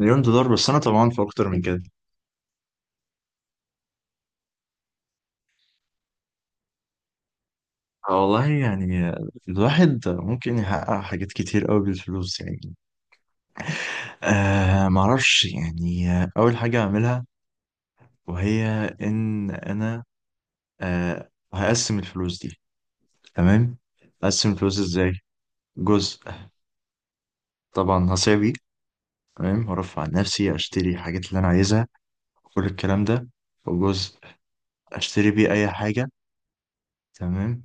مليون دولار، بس انا طبعا في اكتر من كده. والله يعني الواحد ممكن يحقق حاجات كتير قوي بالفلوس يعني. معرفش يعني، اول حاجة اعملها وهي ان انا هقسم الفلوس دي. تمام، اقسم الفلوس ازاي؟ جزء طبعا هصيع بيه، تمام، هرفع عن نفسي، اشتري الحاجات اللي انا عايزها وكل الكلام ده. وجزء اشتري بيه اي حاجة، تمام،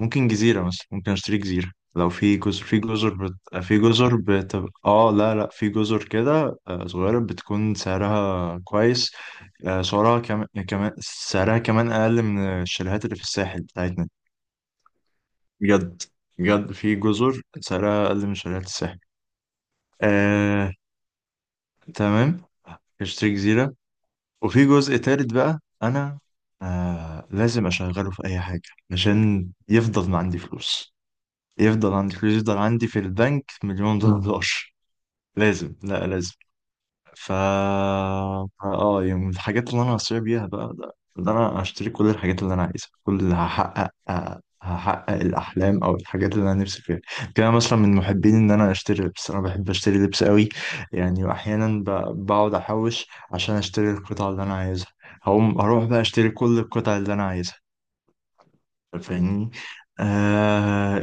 ممكن جزيرة مثلا، ممكن اشتري جزيرة، لو في جزر، في جزر بتبقى، لا لا، في جزر كده صغيرة بتكون سعرها كويس. سعرها كمان، كمان سعرها أقل من الشاليهات اللي في الساحل بتاعتنا، بجد بجد، في جزر سعرها أقل من شاليهات الساحل. آه... تمام، اشتري جزيرة. وفي جزء تالت بقى أنا، لازم أشغله في أي حاجة عشان يفضل ما عندي فلوس، يفضل عندي فلوس، يفضل عندي في البنك مليون دولار. لا لازم. فا اه يعني من الحاجات اللي انا هصير بيها بقى، ده انا هشتري كل الحاجات اللي انا عايزها، كل اللي هحقق الاحلام او الحاجات اللي انا نفسي فيها. كده مثلا من محبين ان انا اشتري لبس، انا بحب اشتري لبس قوي، يعني واحيانا بقعد احوش عشان اشتري القطع اللي انا عايزها. هقوم اروح بقى اشتري كل القطع اللي انا عايزها، فاهمني. آه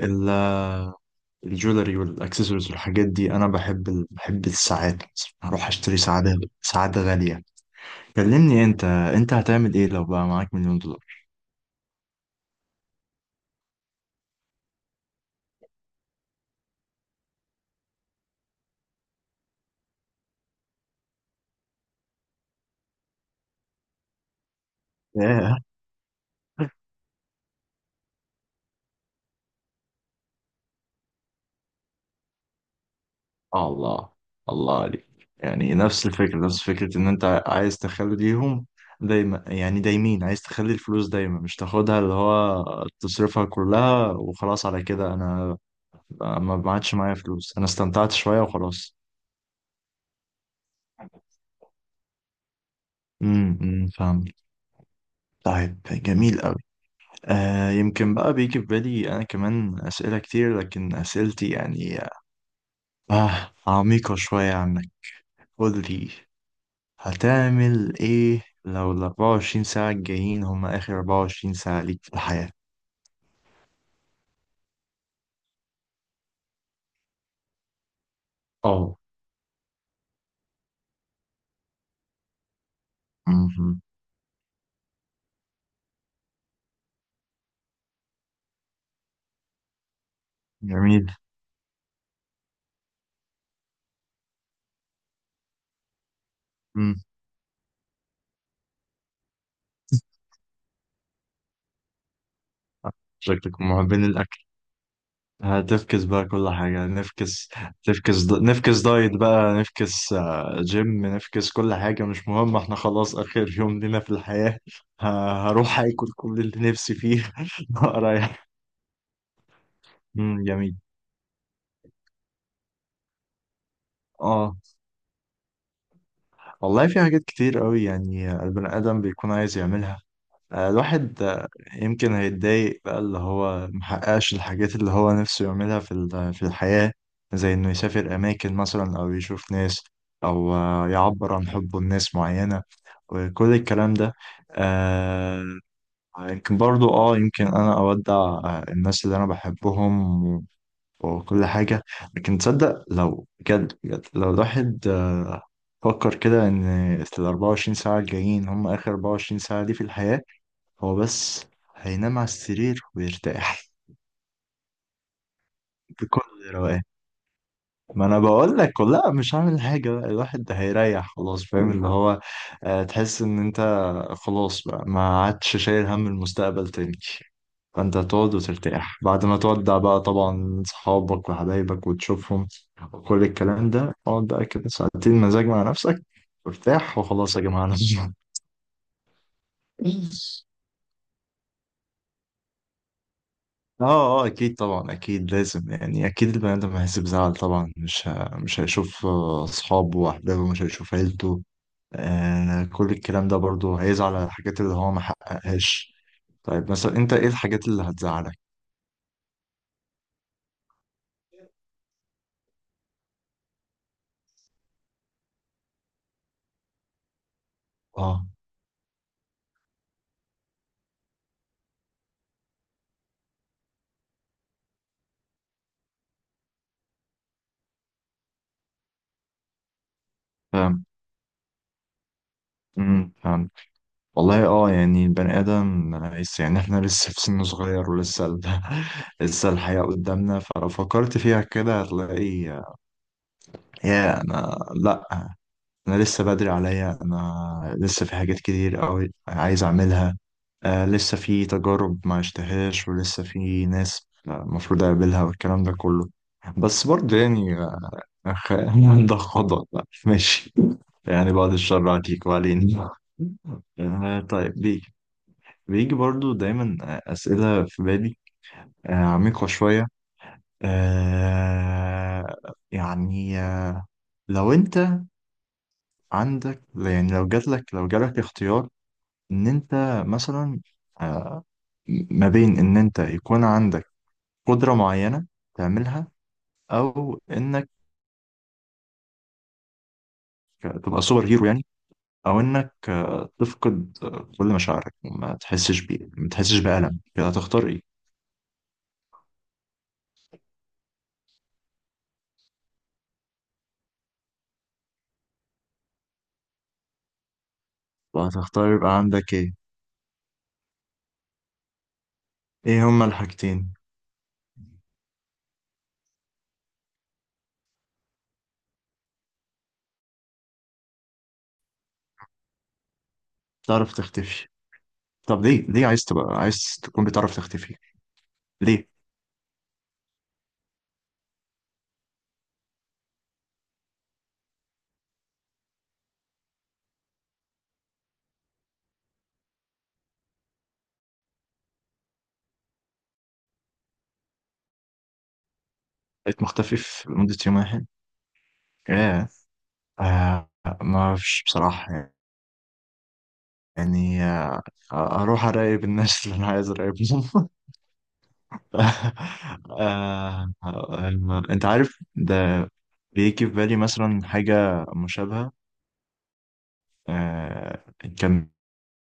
الجولري والاكسسوارز والحاجات دي، انا بحب الساعات، هروح اشتري ساعات، ساعات غالية. كلمني انت هتعمل ايه لو بقى معاك مليون دولار؟ ياه، الله، الله عليك. يعني نفس فكرة ان انت عايز تخليهم دايما، يعني دايمين عايز تخلي الفلوس دايما، مش تاخدها، اللي هو تصرفها كلها وخلاص، على كده انا ما عادش معايا فلوس، انا استمتعت شوية وخلاص. أمم، فاهم. طيب جميل قوي. يمكن بقى بيجي في بالي أنا كمان أسئلة كتير، لكن أسئلتي يعني عميقة شوية عنك. قولي، هتعمل إيه لو ال 24 ساعة الجايين هما آخر 24 ساعة ليك في الحياة؟ أه. مهم. جميل. مم. شكلك من محبين هتفكس بقى كل حاجة، نفكس، نفكس دايت بقى، نفكس جيم، نفكس كل حاجة، مش مهم، احنا خلاص آخر يوم لنا في الحياة. ه... هروح آكل كل اللي نفسي فيه رايح. مم، جميل. اه والله في حاجات كتير قوي يعني البني آدم بيكون عايز يعملها. الواحد يمكن هيتضايق بقى، اللي هو محققش الحاجات اللي هو نفسه يعملها في الحياة، زي إنه يسافر أماكن مثلا، أو يشوف ناس، أو يعبر عن حبه لناس معينة وكل الكلام ده. آه، يمكن برضو، اه يمكن أنا أودع الناس اللي أنا بحبهم وكل حاجة. لكن تصدق لو بجد بجد، لو الواحد فكر كده، إن الأربعة وعشرين ساعة الجايين هم آخر أربعة وعشرين ساعة دي في الحياة، هو بس هينام على السرير ويرتاح بكل روقان. ما انا بقول لك، لا مش هعمل حاجه بقى، الواحد ده هيريح خلاص، فاهم؟ اللي هو تحس ان انت خلاص بقى ما عادش شايل هم المستقبل تاني. فانت هتقعد وترتاح بعد ما تودع بقى طبعا صحابك وحبايبك وتشوفهم وكل الكلام ده، اقعد بقى كده ساعتين مزاج مع نفسك وارتاح، وخلاص يا جماعه انا اه اه اكيد، طبعا اكيد، لازم يعني، اكيد البني ادم هيحس بزعل طبعا، مش هيشوف اصحابه واحبابه، مش هيشوف عيلته كل الكلام ده، برضه هيزعل على الحاجات اللي هو ما حققهاش. طيب مثلا انت ايه الحاجات اللي هتزعلك؟ اه، فاهم. فاهم. والله اه يعني البني ادم لسه، يعني احنا لسه في سن صغير، لسه الحياة قدامنا، فلو فكرت فيها كده هتلاقي، يا انا لا، انا لسه بدري عليا، انا لسه في حاجات كتير قوي عايز اعملها، لسه في تجارب ما اشتهاش، ولسه في ناس المفروض اقابلها والكلام ده كله. بس برضه يعني، أخ... ده خضع بقى. ماشي، يعني بعد الشر عليك وعلينا. طيب بيجي، برضو دايما أسئلة في بالي عميقة شوية، آه يعني آه، لو أنت عندك، يعني لو جالك اختيار ان انت مثلا آه، ما بين ان انت يكون عندك قدرة معينة تعملها، او انك تبقى سوبر هيرو يعني، او انك تفقد كل مشاعرك، وما تحسش بيه ما تحسش بألم كده، هتختار ايه؟ هتختار يبقى عندك ايه؟ ايه هما الحاجتين؟ تعرف تختفي؟ طب ليه؟ عايز تبقى، عايز تكون بتعرف تختفي ليه؟ بقيت مختفي في لمدة يوم واحد ايه؟ آه ما فيش بصراحة، يعني اروح اراقب الناس اللي انا عايز اراقبهم انت عارف ده؟ بيجي في بالي مثلا حاجة مشابهة، آه، كان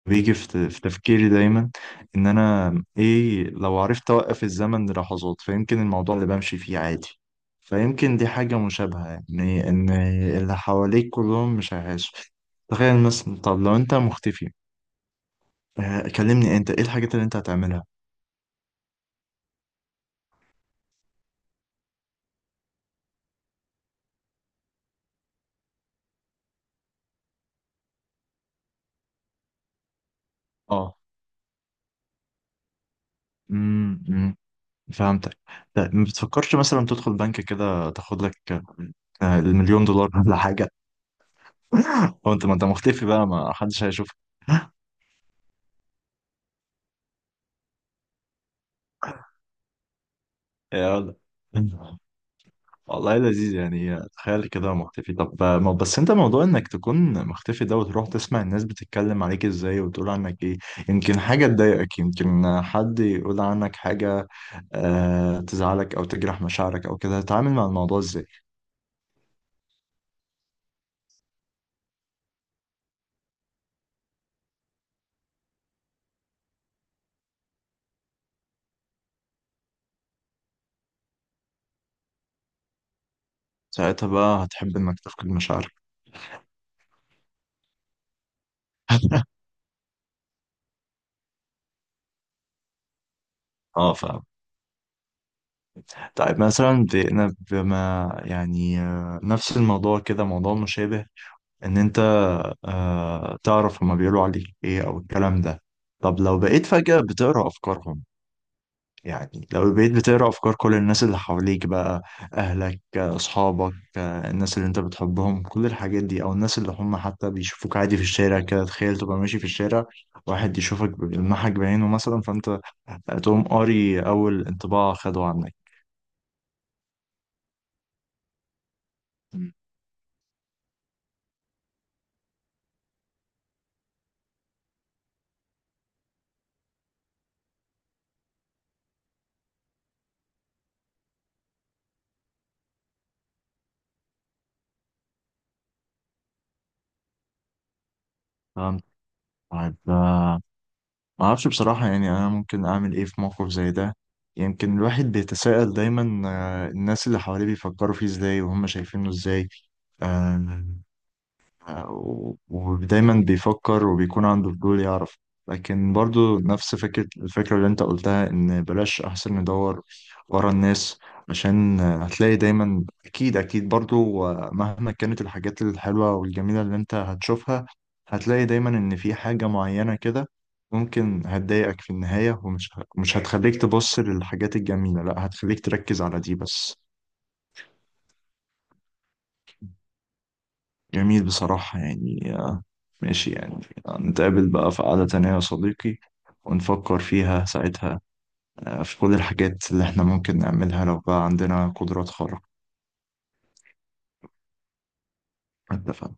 بيجي في تفكيري دايما ان انا ايه لو عرفت اوقف الزمن للحظات؟ فيمكن الموضوع اللي بمشي فيه عادي، فيمكن دي حاجة مشابهة، يعني ان اللي حواليك كلهم مش هيعيشوا. تخيل مثلا، طب لو انت مختفي كلمني، انت ايه الحاجات اللي انت هتعملها؟ اه. أمم، فهمتك. لا ما بتفكرش مثلا تدخل بنك كده تاخد لك المليون دولار ولا حاجه؟ او انت، ما انت مختفي بقى، ما حدش هيشوف. يا ولد والله لذيذ، يعني تخيل كده مختفي، طب بس انت، موضوع انك تكون مختفي ده وتروح تسمع الناس بتتكلم عليك ازاي وتقول عنك ايه، يمكن حاجة تضايقك، يمكن حد يقول عنك حاجة تزعلك، او تجرح مشاعرك او كده. هتتعامل مع الموضوع ازاي؟ ساعتها بقى هتحب انك تفقد مشاعرك. اه طيب مثلا بما يعني نفس الموضوع كده، موضوع مشابه، ان انت تعرف هما بيقولوا عليك ايه او الكلام ده. طب لو بقيت فجأة بتقرأ افكارهم، يعني لو بقيت بتقرأ افكار كل الناس اللي حواليك بقى، اهلك، اصحابك، الناس اللي انت بتحبهم كل الحاجات دي، او الناس اللي هم حتى بيشوفوك عادي في الشارع كده. تخيل تبقى ماشي في الشارع، واحد يشوفك، بيلمحك بعينه مثلا، فانت تقوم قاري اول انطباع خده عنك. طيب ما اعرفش بصراحة يعني انا ممكن اعمل ايه في موقف زي ده. يمكن الواحد بيتساءل دايما الناس اللي حواليه بيفكروا فيه ازاي وهم شايفينه ازاي، آه، ودايما بيفكر وبيكون عنده فضول يعرف، لكن برضو نفس فكرة، اللي انت قلتها، ان بلاش احسن ندور ورا الناس، عشان هتلاقي دايما، اكيد اكيد برضو، مهما كانت الحاجات الحلوة والجميلة اللي انت هتشوفها، هتلاقي دايما ان في حاجة معينة كده ممكن هتضايقك في النهاية، مش هتخليك تبص للحاجات الجميلة، لا هتخليك تركز على دي بس. جميل بصراحة يعني، ماشي يعني، نتقابل بقى في قعدة تانية يا صديقي ونفكر فيها ساعتها في كل الحاجات اللي احنا ممكن نعملها لو بقى عندنا قدرات خارقة. اتفقنا.